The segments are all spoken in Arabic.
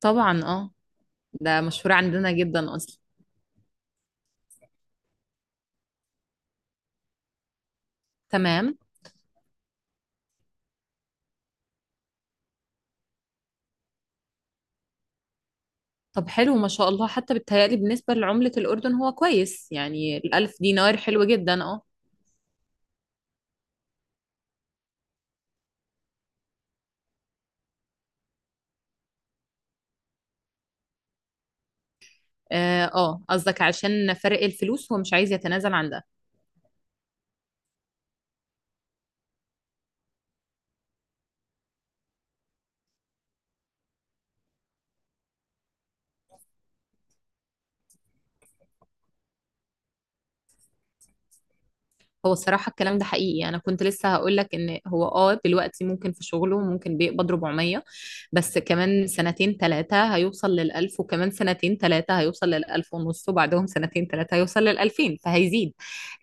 طبعا، اه. ده مشهور عندنا جدا اصلا. تمام. طب حلو، ما شاء الله، حتى بالتهيألي بالنسبة لعملة الأردن هو كويس، يعني الألف دينار حلو جدا. اه، اه، آه، قصدك عشان فرق الفلوس هو مش عايز يتنازل عن ده. هو الصراحة الكلام ده حقيقي، أنا كنت لسه هقول لك إن هو دلوقتي ممكن في شغله ممكن بيقبض 400. بس كمان سنتين ثلاثة هيوصل للألف، وكمان سنتين ثلاثة هيوصل للألف ونص، وبعدهم سنتين ثلاثة هيوصل للألفين فهيزيد.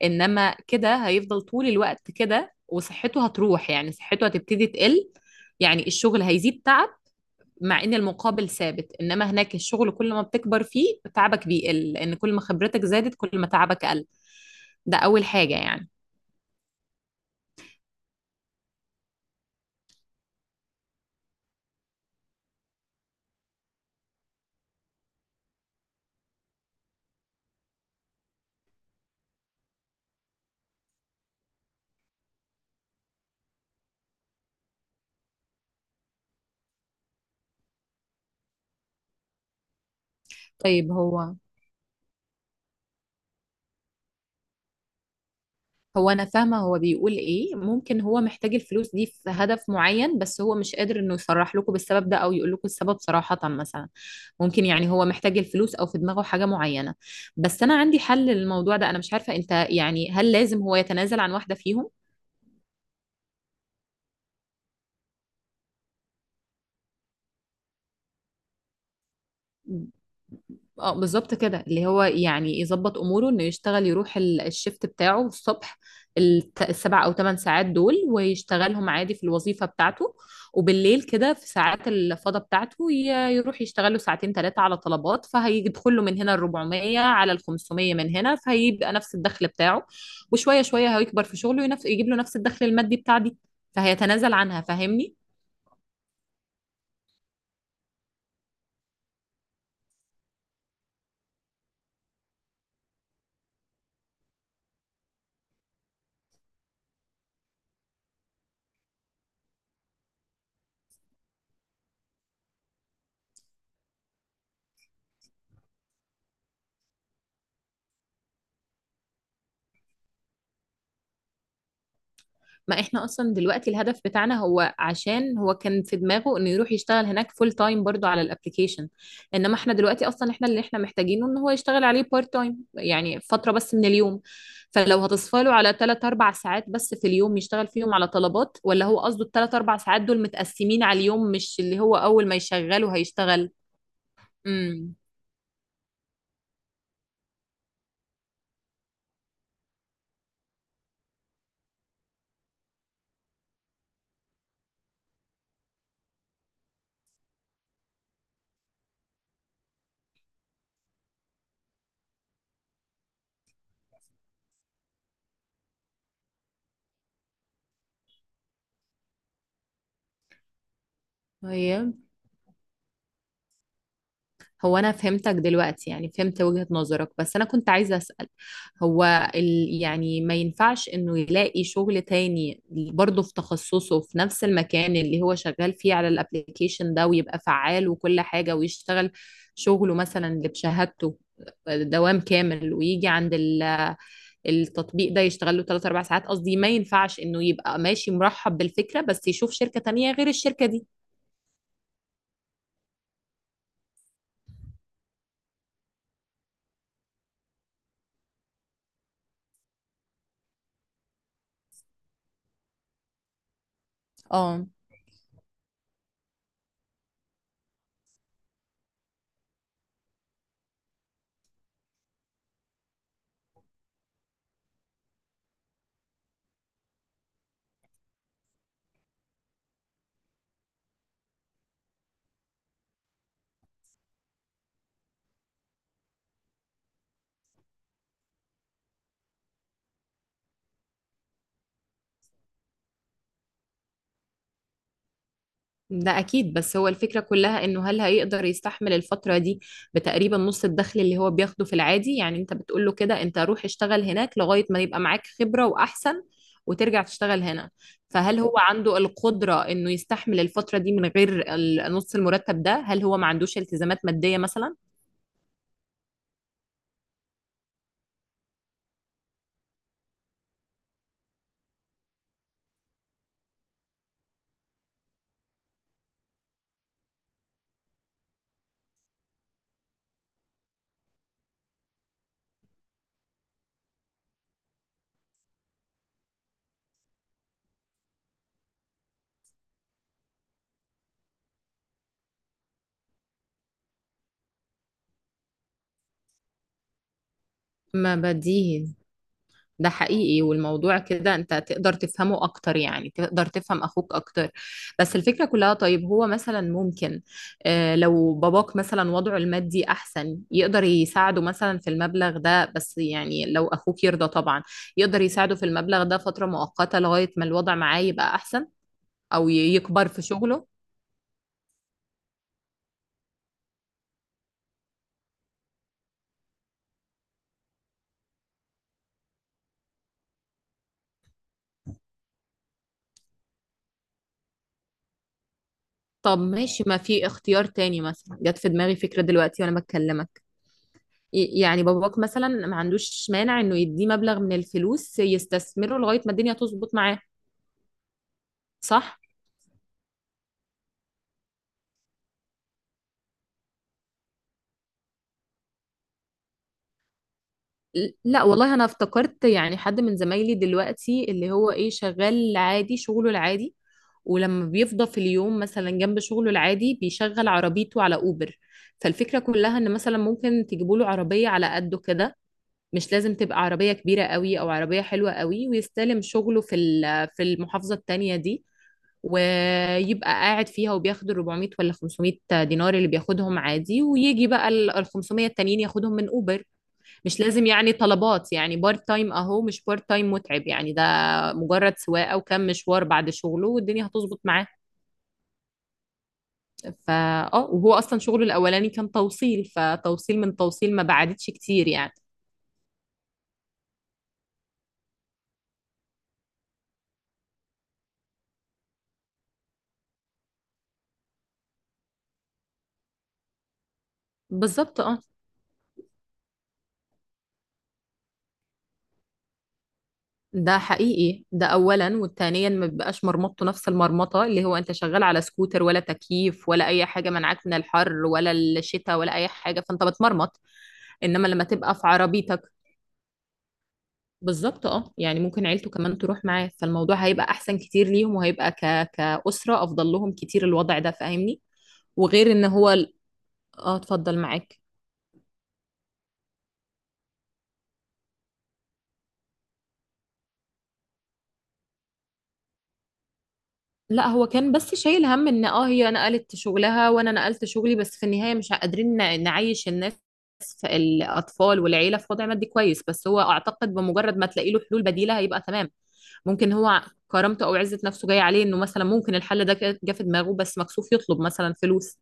انما كده هيفضل طول الوقت كده وصحته هتروح، يعني صحته هتبتدي تقل، يعني الشغل هيزيد تعب. مع ان المقابل ثابت، انما هناك الشغل كل ما بتكبر فيه تعبك بيقل، لان كل ما خبرتك زادت كل ما تعبك قل. ده اول حاجة يعني. طيب هو، هو انا فاهمه، هو بيقول ايه، ممكن هو محتاج الفلوس دي في هدف معين بس هو مش قادر انه يصرح لكم بالسبب ده او يقول لكم السبب صراحه. مثلا ممكن، يعني هو محتاج الفلوس او في دماغه حاجه معينه. بس انا عندي حل للموضوع ده، انا مش عارفه انت، يعني هل لازم هو يتنازل عن واحده فيهم؟ اه بالظبط كده، اللي هو يعني يظبط اموره انه يشتغل، يروح الشيفت بتاعه الصبح، السبع او ثمان ساعات دول ويشتغلهم عادي في الوظيفه بتاعته. وبالليل كده في ساعات الفضاء بتاعته يروح يشتغل له ساعتين ثلاثه على طلبات، فهيدخل له من هنا ال 400 على ال 500 من هنا، فهيبقى نفس الدخل بتاعه. وشويه شويه هيكبر في شغله، يجيب له نفس الدخل المادي بتاع دي فهيتنازل عنها، فاهمني. ما احنا اصلا دلوقتي الهدف بتاعنا، هو عشان هو كان في دماغه انه يروح يشتغل هناك فول تايم برضو على الابليكيشن، انما احنا دلوقتي اصلا احنا اللي احنا محتاجينه ان هو يشتغل عليه بارت تايم يعني فترة بس من اليوم. فلو هتصفاله على 3 4 ساعات بس في اليوم يشتغل فيهم على طلبات، ولا هو قصده الثلاث اربع ساعات دول متقسمين على اليوم مش اللي هو اول ما يشغله هيشتغل؟ امم. هو انا فهمتك دلوقتي، يعني فهمت وجهة نظرك، بس انا كنت عايزة اسأل. هو يعني ما ينفعش انه يلاقي شغل تاني برضه في تخصصه في نفس المكان اللي هو شغال فيه على الابليكيشن ده، ويبقى فعال وكل حاجة ويشتغل شغله مثلا اللي بشهادته دوام كامل، ويجي عند التطبيق ده يشتغل له 3 4 ساعات، قصدي ما ينفعش انه يبقى ماشي مرحب بالفكرة بس يشوف شركة تانية غير الشركة دي؟ اه ده أكيد، بس هو الفكرة كلها إنه هل هيقدر يستحمل الفترة دي بتقريبا نص الدخل اللي هو بياخده في العادي، يعني أنت بتقول له كده، أنت روح اشتغل هناك لغاية ما يبقى معاك خبرة وأحسن وترجع تشتغل هنا. فهل هو عنده القدرة إنه يستحمل الفترة دي من غير نص المرتب ده؟ هل هو ما عندوش التزامات مادية مثلا؟ ما بديهي. ده حقيقي، والموضوع كده انت تقدر تفهمه اكتر، يعني تقدر تفهم اخوك اكتر. بس الفكرة كلها، طيب هو مثلا ممكن، اه، لو باباك مثلا وضعه المادي احسن يقدر يساعده مثلا في المبلغ ده، بس يعني لو اخوك يرضى طبعا، يقدر يساعده في المبلغ ده فترة مؤقتة لغاية ما الوضع معاه يبقى احسن، او يكبر في شغله. طب ماشي، ما في اختيار تاني، مثلا جت في دماغي فكرة دلوقتي وانا بكلمك، يعني باباك مثلا ما عندوش مانع انه يديه مبلغ من الفلوس يستثمره لغاية ما الدنيا تظبط معاه، صح؟ لا والله، انا افتكرت يعني حد من زمايلي دلوقتي اللي هو ايه شغال عادي شغله العادي، ولما بيفضى في اليوم مثلا جنب شغله العادي بيشغل عربيته على اوبر. فالفكرة كلها ان مثلا ممكن تجيبوا له عربية على قده كده، مش لازم تبقى عربية كبيرة قوي او عربية حلوة قوي، ويستلم شغله في في المحافظة التانية دي، ويبقى قاعد فيها وبياخد ال 400 ولا 500 دينار اللي بياخدهم عادي، ويجي بقى ال 500 التانيين ياخدهم من اوبر. مش لازم يعني طلبات، يعني بارت تايم اهو مش بارت تايم متعب يعني ده، مجرد سواقه وكم مشوار بعد شغله والدنيا هتظبط معاه. فا اه وهو اصلا شغله الاولاني كان توصيل، فتوصيل من توصيل ما بعدتش كتير يعني. بالظبط اه. ده حقيقي، ده اولا، والتانيا ما بيبقاش مرمطته نفس المرمطه، اللي هو انت شغال على سكوتر ولا تكييف ولا اي حاجه منعك من الحر ولا الشتاء ولا اي حاجه، فانت بتمرمط. انما لما تبقى في عربيتك، بالظبط اه، يعني ممكن عيلته كمان تروح معاه، فالموضوع هيبقى احسن كتير ليهم وهيبقى كأسرة افضل لهم كتير الوضع ده، فاهمني. وغير ان هو اه، اتفضل معاك. لا هو كان بس شايل هم ان اه هي نقلت شغلها وانا نقلت شغلي، بس في النهاية مش قادرين نعيش الناس في الاطفال والعيلة في وضع مادي كويس، بس هو اعتقد بمجرد ما تلاقي له حلول بديلة هيبقى تمام. ممكن هو كرامته او عزة نفسه جاية عليه، انه مثلا ممكن الحل ده جه في دماغه بس مكسوف يطلب مثلا فلوس.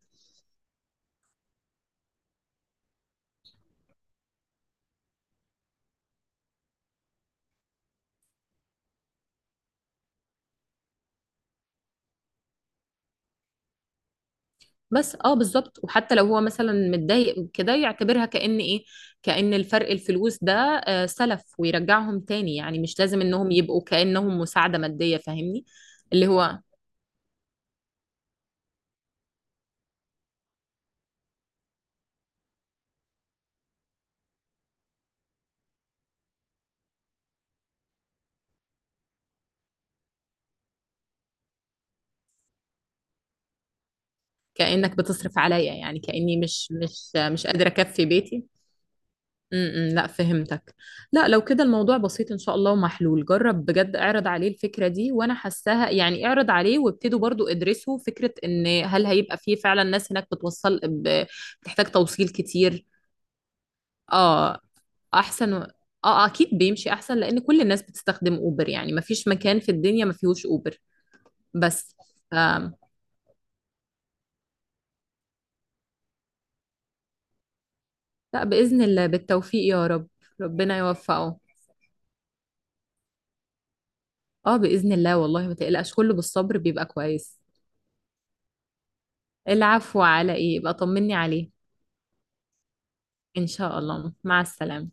بس اه بالظبط، وحتى لو هو مثلا متضايق كده يعتبرها كأن ايه، كأن الفرق الفلوس ده آه، سلف ويرجعهم تاني، يعني مش لازم انهم يبقوا كأنهم مساعدة مادية، فاهمني. اللي هو كأنك بتصرف عليا، يعني كأني مش قادرة اكفي بيتي. م -م لا، فهمتك. لا لو كده الموضوع بسيط ان شاء الله ومحلول، جرب بجد اعرض عليه الفكرة دي وانا حاساها، يعني اعرض عليه وابتدوا برضو ادرسوا فكرة ان هل هيبقى فيه فعلا ناس هناك بتوصل، بتحتاج توصيل كتير. اه احسن اه، اكيد بيمشي احسن لان كل الناس بتستخدم اوبر، يعني ما فيش مكان في الدنيا ما فيهوش اوبر. بس ف... لا باذن الله، بالتوفيق يا رب. ربنا يوفقه. اه باذن الله، والله ما تقلقش، كله بالصبر بيبقى كويس. العفو، على ايه، يبقى طمني عليه. ان شاء الله، مع السلامة.